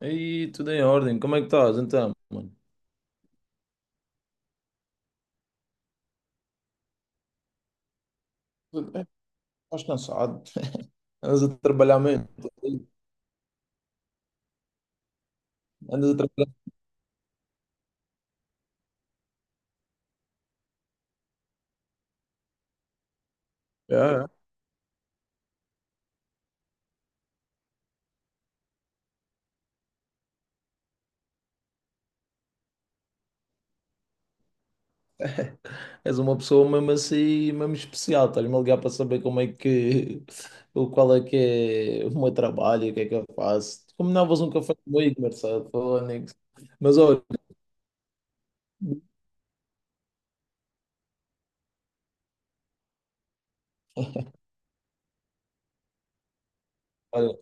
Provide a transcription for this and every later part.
Aí, tudo em ordem. Como é que estás, então, mano? Tudo bem? Estás cansado? Andas a trabalhar mesmo? Andas a trabalhar? Já, já. És uma pessoa mesmo assim, mesmo especial. Estás-me a ligar para saber como é que... Qual é que é o meu trabalho, e o que é que eu faço. Combinavas um café comigo, Marcelo, falando nisso. Mas olha, olha,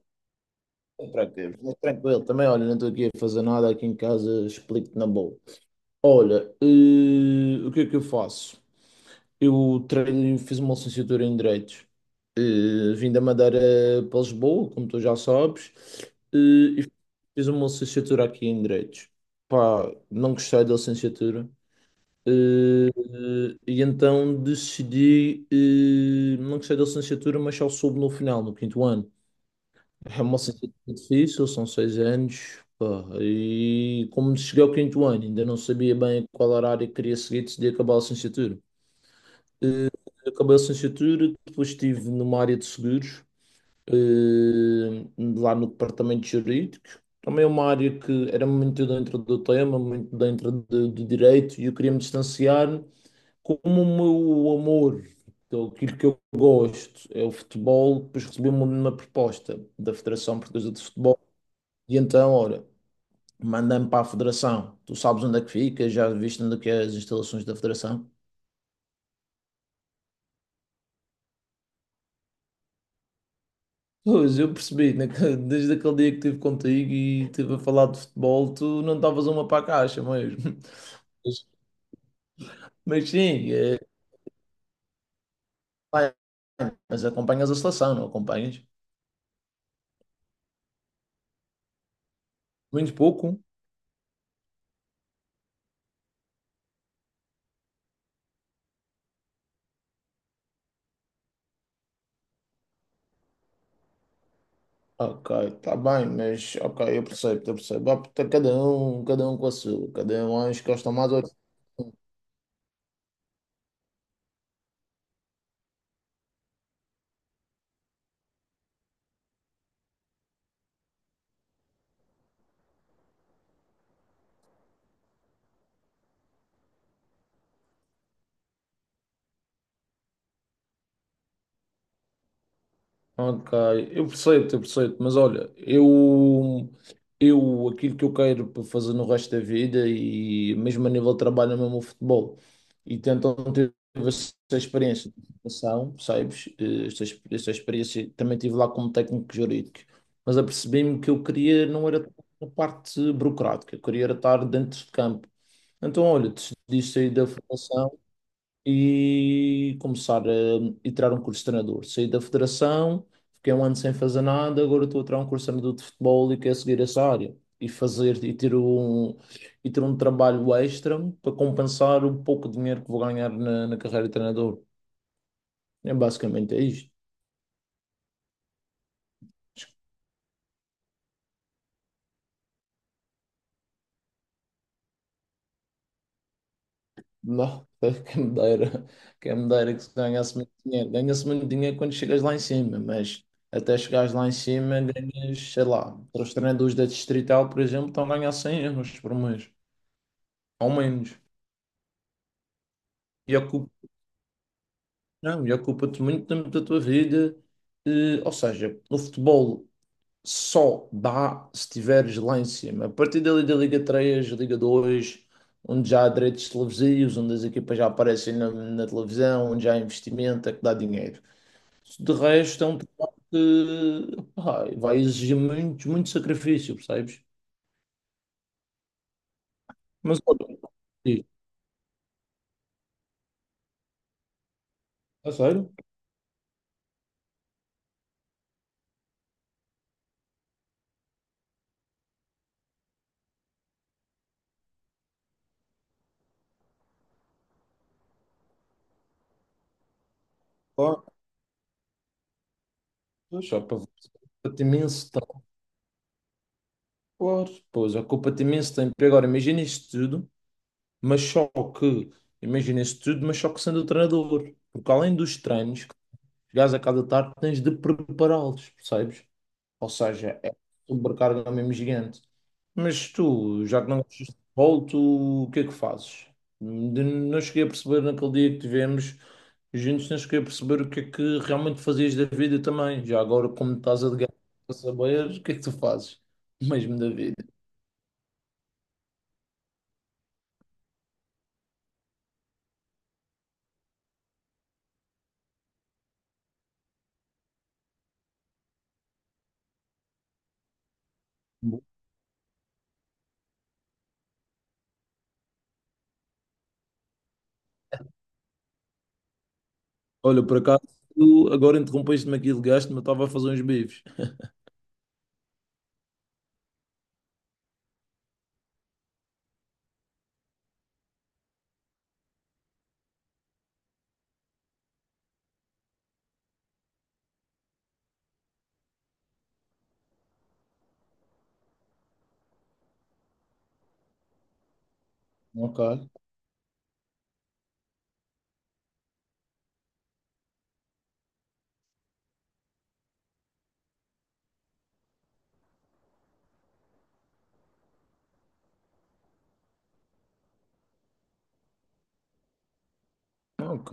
tranquilo. Também, olha, não estou aqui a fazer nada aqui em casa, explico-te na boa. Olha, o que é que eu faço? Eu treino, fiz uma licenciatura em Direitos. Vim da Madeira para Lisboa, como tu já sabes, eh, e fiz uma licenciatura aqui em Direitos. Pá, não gostei da licenciatura. Eh, e então decidi, não gostei da licenciatura, mas só soube no final, no 5º ano. É uma licenciatura difícil, são 6 anos. Pá, e como cheguei ao 5º ano, ainda não sabia bem qual era a área que queria seguir, decidi acabar a licenciatura. Eh, Acabei a licenciatura, depois estive numa área de seguros, eh, lá no departamento jurídico. Também é uma área que era muito dentro do tema, muito dentro do direito, e eu queria me distanciar. Como o meu amor, então, aquilo que eu gosto, é o futebol, depois recebi uma proposta da Federação Portuguesa de Futebol, e então, ora, mandei-me para a Federação. Tu sabes onde é que fica, já viste onde é que é as instalações da Federação? Pois, eu percebi, desde aquele dia que estive contigo e estive a falar de futebol, tu não estavas uma para a caixa mesmo. Mas, mas sim, é, bem, mas acompanhas a seleção, não acompanhas? Muito pouco. Ok, está bem, mas ok, eu percebo, eu percebo. Ah, tá. Cada um com a sua, cada um acho que gosta mais ou... Ok, eu percebo, eu percebo, mas olha, eu aquilo que eu quero para fazer no resto da vida e mesmo a nível de trabalho é mesmo o futebol e tentam ter essa experiência de formação, sabes? Esta experiência também tive lá como técnico jurídico, mas apercebi-me que eu queria não era a parte burocrática, eu queria era estar dentro de campo. Então, olha, decidi sair da formação e e tirar um curso de treinador. Saí da federação, fiquei 1 ano sem fazer nada, agora estou a tirar um curso de treinador de futebol e quero seguir essa área. E fazer e e ter um trabalho extra para compensar o pouco dinheiro que vou ganhar na carreira de treinador. É basicamente é isto. Não, quem me dera que se ganhasse muito dinheiro. Ganha-se muito dinheiro quando chegas lá em cima, mas até chegares lá em cima ganhas, sei lá, para os treinadores da Distrital, por exemplo, estão a ganhar 100 euros por mês. Ao menos. E ocupa, não, e ocupa-te muito tempo da tua vida. Ou seja, o futebol só dá se estiveres lá em cima. A partir dali da Liga 3, Liga 2, onde já há direitos televisivos, onde as equipas já aparecem na televisão, onde já há investimento, é que dá dinheiro. De resto, é um trabalho que pá, vai exigir muito, muito sacrifício, percebes? Mas olha, diz, a sério? Claro, só para imenso... Claro, pois, ocupa-te imenso tempo. E agora, imagina isto tudo, mas só que, imagina isto tudo, mas só que sendo o treinador. Porque além dos treinos, que chegares a cada tarde, tens de prepará-los, percebes? Ou seja, é sobrecarga mesmo gigante. Mas tu, já que não gostas de futebol, tu, o que é que fazes? Não cheguei a perceber naquele dia que tivemos juntos, não cheguei a perceber o que é que realmente fazias da vida também. Já agora, como estás a de guerra, para saber, o que é que tu fazes mesmo da vida? Olha, por acaso, tu agora interrompeste-me aqui, ligaste-me, eu estava a fazer uns bifes. Ok, ok.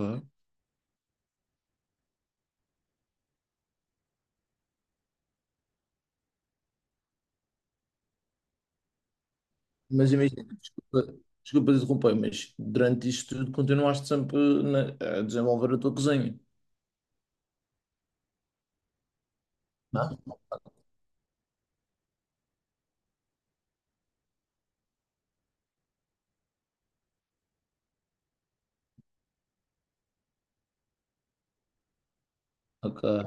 Mas imagina, desculpa, desculpa interromper, mas durante isto tudo continuaste sempre na- a desenvolver a tua cozinha. Não. Ok.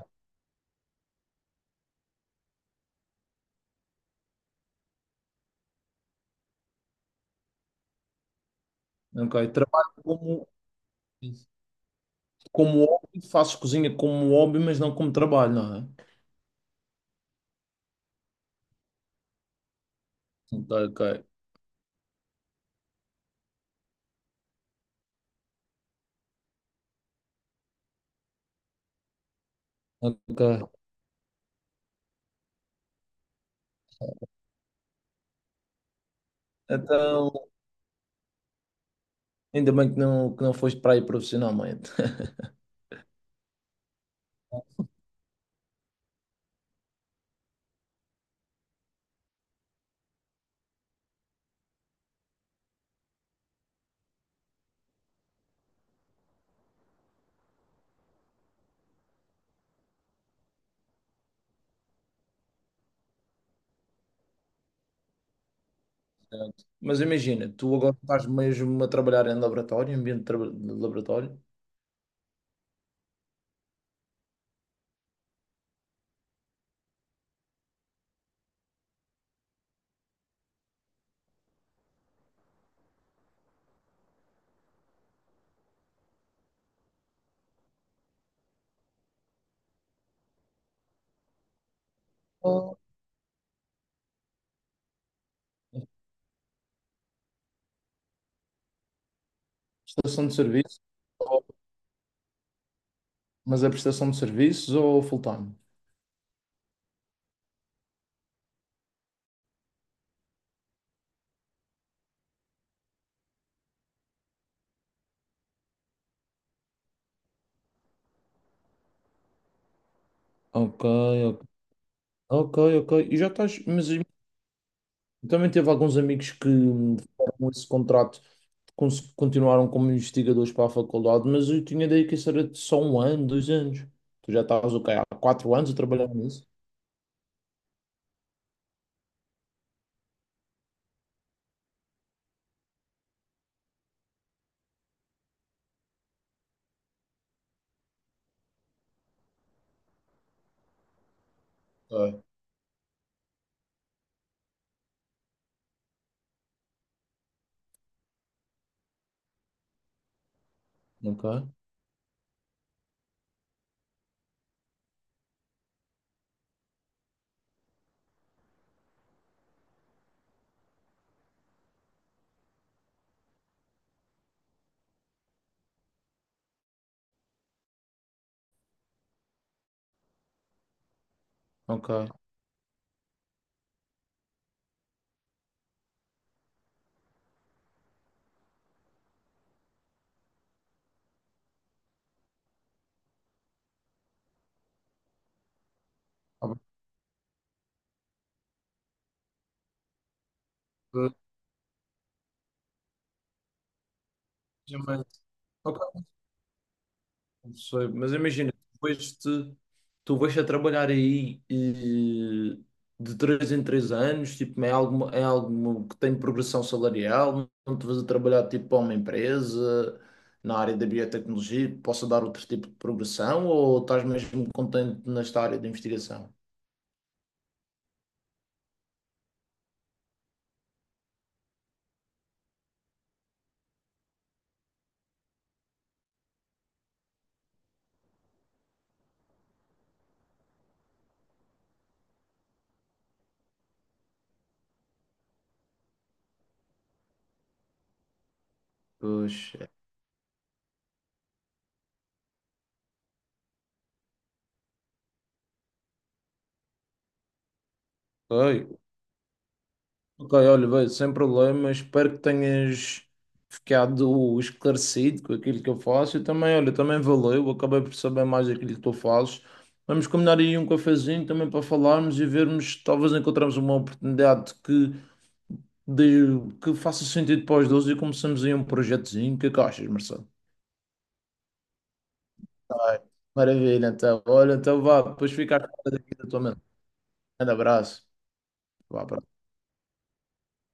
É? Ok, trabalho como, como hobby, faço cozinha como hobby, mas não como trabalho, não é? Ok, ok. Ok. Então, ainda bem que não foste para aí profissionalmente. Mas imagina, tu agora estás mesmo a trabalhar em laboratório, em ambiente de laboratório, ou prestação de serviço, ou... mas é prestação de serviços ou full-time? Ok, ok, ok, ok. E já estás, mas eu também teve alguns amigos que fizeram esse contrato, continuaram como investigadores para a faculdade, mas eu tinha daí que isso era de só 1 ano, 2 anos. Tu já estavas o quê? Há 4 anos a trabalhar nisso? Ok, ok, ok. Ah, mas... mas... ok. Não sei, mas imagina, tu vais a trabalhar aí de 3 em 3 anos, tipo, é algo que tem progressão salarial, não te vais a trabalhar tipo para uma empresa na área da biotecnologia, que possa dar outro tipo de progressão ou estás mesmo contente nesta área de investigação? Pois, ok. Ok, olha, vai, sem problema. Espero que tenhas ficado esclarecido com aquilo que eu faço. E também, olha, também valeu. Acabei por saber mais daquilo que tu fazes. Vamos combinar aí um cafezinho também para falarmos e vermos, talvez encontramos uma oportunidade que, que faça sentido para os dois e começamos aí um projetozinho. O que é que achas, Marcelo? Tá bem. Maravilha, então. Olha, então vá, depois fica a cara daqui da tua mente. Um grande abraço. Vá, abraço.